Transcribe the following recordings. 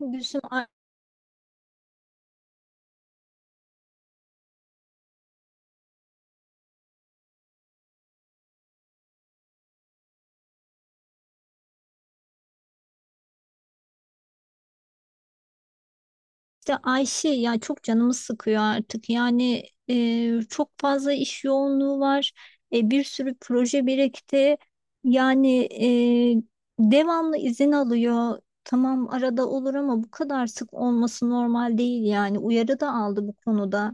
Gülsüm Ay- işte Ayşe ya çok canımı sıkıyor artık yani. Çok fazla iş yoğunluğu var. Bir sürü proje birikti yani, devamlı izin alıyor. Tamam arada olur ama bu kadar sık olması normal değil yani, uyarı da aldı bu konuda.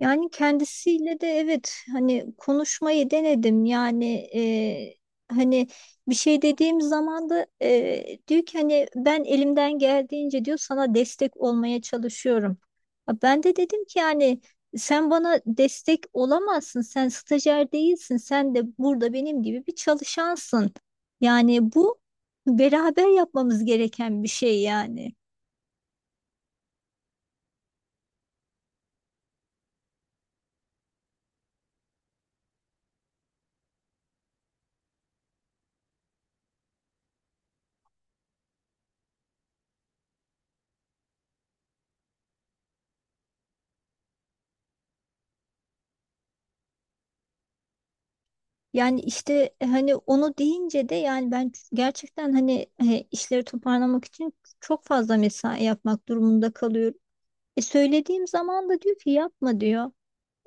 Yani kendisiyle de, evet, hani konuşmayı denedim yani hani, bir şey dediğim zaman da diyor ki hani, ben elimden geldiğince diyor sana destek olmaya çalışıyorum. Ha, ben de dedim ki yani sen bana destek olamazsın, sen stajyer değilsin, sen de burada benim gibi bir çalışansın. Yani bu beraber yapmamız gereken bir şey yani. Yani işte hani onu deyince de yani ben gerçekten hani, işleri toparlamak için çok fazla mesai yapmak durumunda kalıyorum. Söylediğim zaman da diyor ki yapma diyor.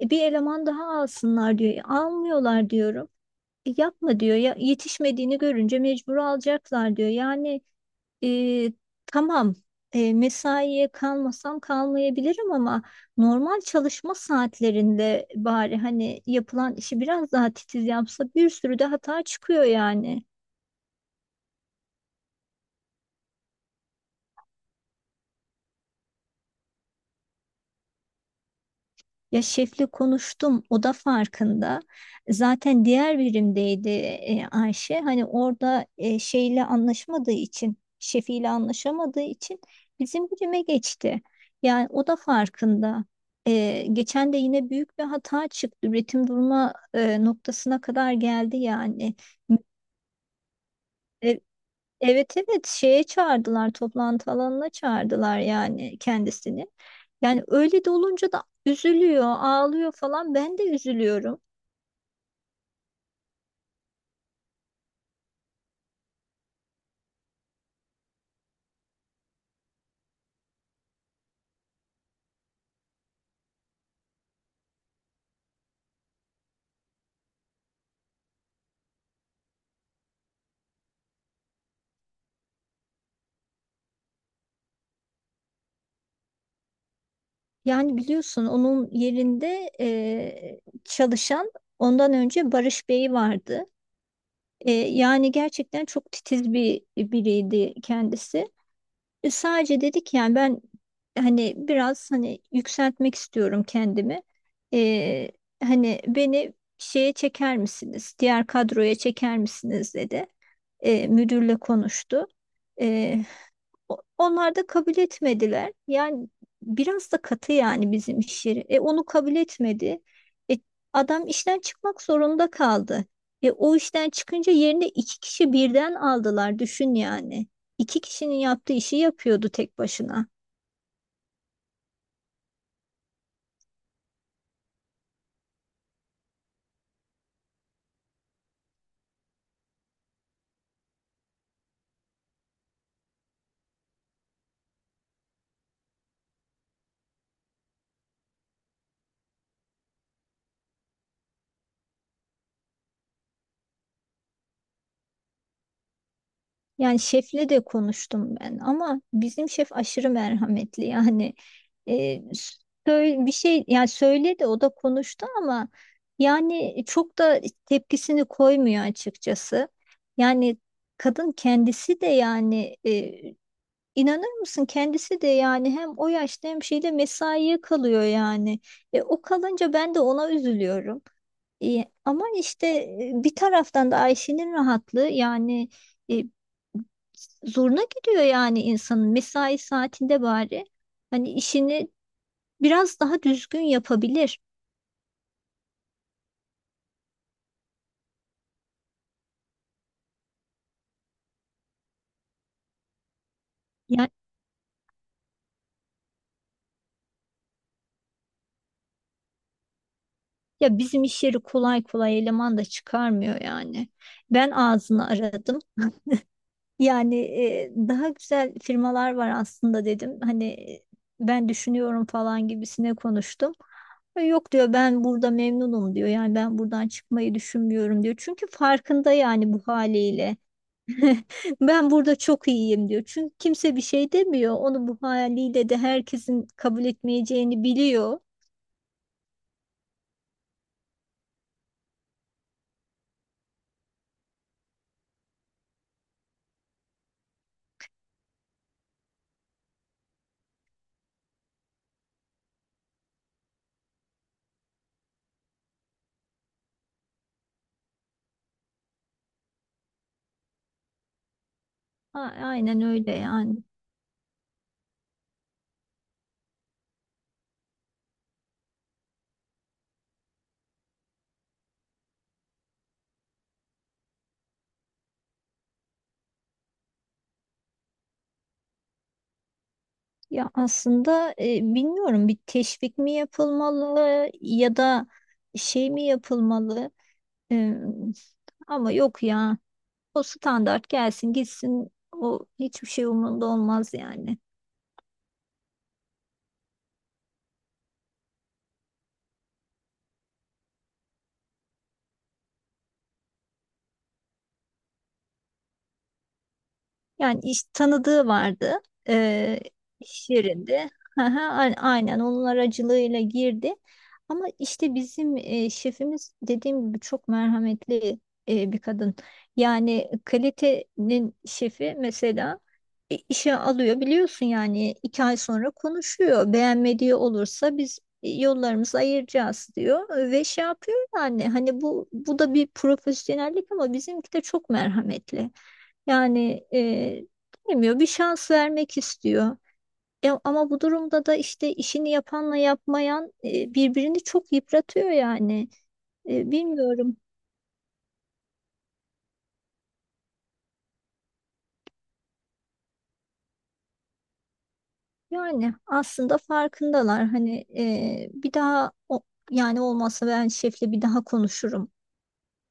Bir eleman daha alsınlar diyor. Almıyorlar diyorum. Yapma diyor ya, yetişmediğini görünce mecbur alacaklar diyor. Yani e, tamam, mesaiye kalmasam kalmayabilirim ama normal çalışma saatlerinde bari hani yapılan işi biraz daha titiz yapsa, bir sürü de hata çıkıyor yani. Ya şefle konuştum, o da farkında. Zaten diğer birimdeydi Ayşe. Hani orada şeyle anlaşamadığı için, şefiyle anlaşamadığı için bizim birime geçti. Yani o da farkında. Geçen de yine büyük bir hata çıktı. Üretim durma noktasına kadar geldi yani. Evet evet, şeye çağırdılar, toplantı alanına çağırdılar yani kendisini. Yani öyle de olunca da üzülüyor, ağlıyor falan, ben de üzülüyorum. Yani biliyorsun, onun yerinde çalışan, ondan önce Barış Bey vardı. Yani gerçekten çok titiz bir biriydi kendisi. Sadece dedik yani, ben hani biraz hani yükseltmek istiyorum kendimi. E, Hani beni şeye çeker misiniz? Diğer kadroya çeker misiniz dedi. Müdürle konuştu. E, Onlar da kabul etmediler. Yani biraz da katı yani bizim iş yeri. E onu kabul etmedi. E, Adam işten çıkmak zorunda kaldı. E o işten çıkınca yerine iki kişi birden aldılar. Düşün yani. İki kişinin yaptığı işi yapıyordu tek başına. Yani şefle de konuştum ben, ama bizim şef aşırı merhametli yani. e, Söyle bir şey yani, söyledi, o da konuştu ama yani çok da tepkisini koymuyor açıkçası. Yani kadın kendisi de yani inanır mısın, kendisi de yani hem o yaşta hem şeyde mesaiye kalıyor yani. O kalınca ben de ona üzülüyorum. Ama işte bir taraftan da Ayşe'nin rahatlığı yani. e, Zoruna gidiyor yani, insanın mesai saatinde bari hani işini biraz daha düzgün yapabilir. Yani ya, bizim iş yeri kolay kolay eleman da çıkarmıyor yani. Ben ağzını aradım. Yani daha güzel firmalar var aslında dedim. Hani ben düşünüyorum falan gibisine konuştum. Yok diyor, ben burada memnunum diyor. Yani ben buradan çıkmayı düşünmüyorum diyor. Çünkü farkında yani, bu haliyle. Ben burada çok iyiyim diyor. Çünkü kimse bir şey demiyor. Onu bu haliyle de herkesin kabul etmeyeceğini biliyor. Aynen öyle yani. Ya aslında bilmiyorum, bir teşvik mi yapılmalı ya da şey mi yapılmalı? E, Ama yok ya. O standart gelsin gitsin. O hiçbir şey umurunda olmaz yani. Yani iş tanıdığı vardı eee iş yerinde. Aha, aynen onun aracılığıyla girdi. Ama işte bizim şefimiz dediğim gibi çok merhametli, bir kadın. Yani kalitenin şefi mesela, işe alıyor biliyorsun yani, iki ay sonra konuşuyor. Beğenmediği olursa biz yollarımızı ayıracağız diyor ve şey yapıyor yani, hani bu da bir profesyonellik ama bizimki de çok merhametli. Yani bilmiyor, bir şans vermek istiyor. Ama bu durumda da işte işini yapanla yapmayan birbirini çok yıpratıyor yani. Bilmiyorum. Yani aslında farkındalar. Hani bir daha o, yani olmazsa ben şefle bir daha konuşurum.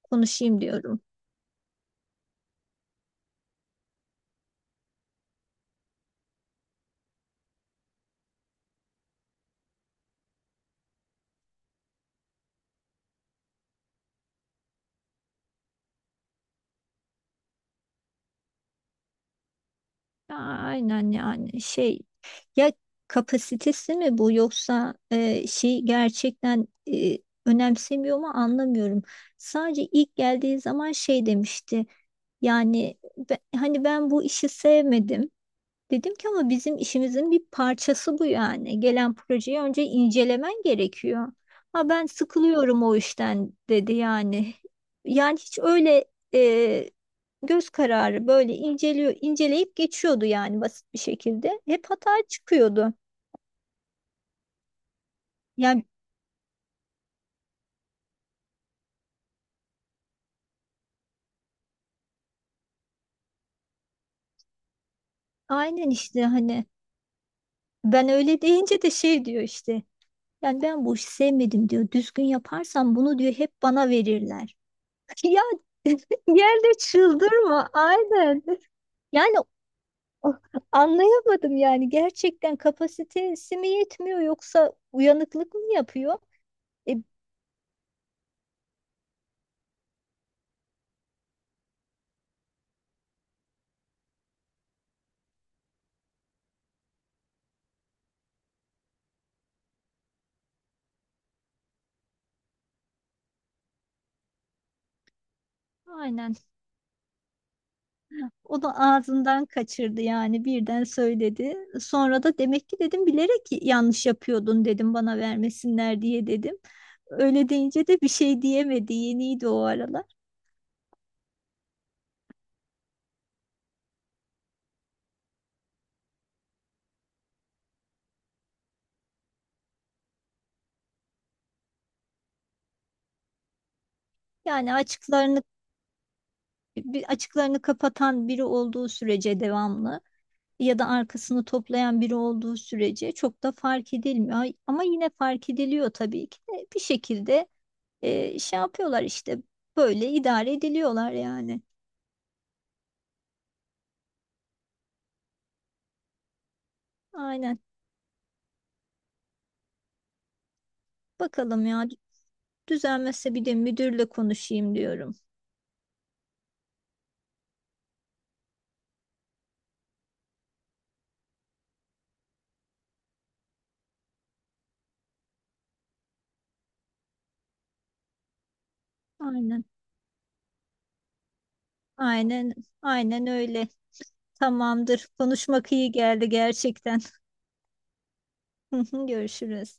Konuşayım diyorum. Aynen yani, şey, ya kapasitesi mi bu yoksa şey gerçekten e, önemsemiyor mu anlamıyorum. Sadece ilk geldiği zaman şey demişti yani, hani ben bu işi sevmedim. Dedim ki ama bizim işimizin bir parçası bu yani. Gelen projeyi önce incelemen gerekiyor. Ha ben sıkılıyorum o işten dedi yani. Yani hiç öyle e, göz kararı böyle inceliyor, inceleyip geçiyordu yani, basit bir şekilde. Hep hata çıkıyordu. Yani aynen işte hani, ben öyle deyince de şey diyor işte. Yani ben bu işi sevmedim diyor. Düzgün yaparsam bunu diyor hep bana verirler. Ya yerde çıldırma aynen. Yani o- anlayamadım yani, gerçekten kapasitesi mi yetmiyor yoksa uyanıklık mı yapıyor? E, aynen. O da ağzından kaçırdı yani, birden söyledi. Sonra da demek ki dedim bilerek yanlış yapıyordun, dedim bana vermesinler diye, dedim. Öyle deyince de bir şey diyemedi. Yeniydi o aralar. Yani açıklarını Bir açıklarını kapatan biri olduğu sürece devamlı, ya da arkasını toplayan biri olduğu sürece çok da fark edilmiyor. Ama yine fark ediliyor tabii ki de bir şekilde, şey yapıyorlar işte, böyle idare ediliyorlar yani. Aynen. Bakalım ya, düzelmezse bir de müdürle konuşayım diyorum. Aynen. Aynen, aynen öyle. Tamamdır. Konuşmak iyi geldi gerçekten. Görüşürüz.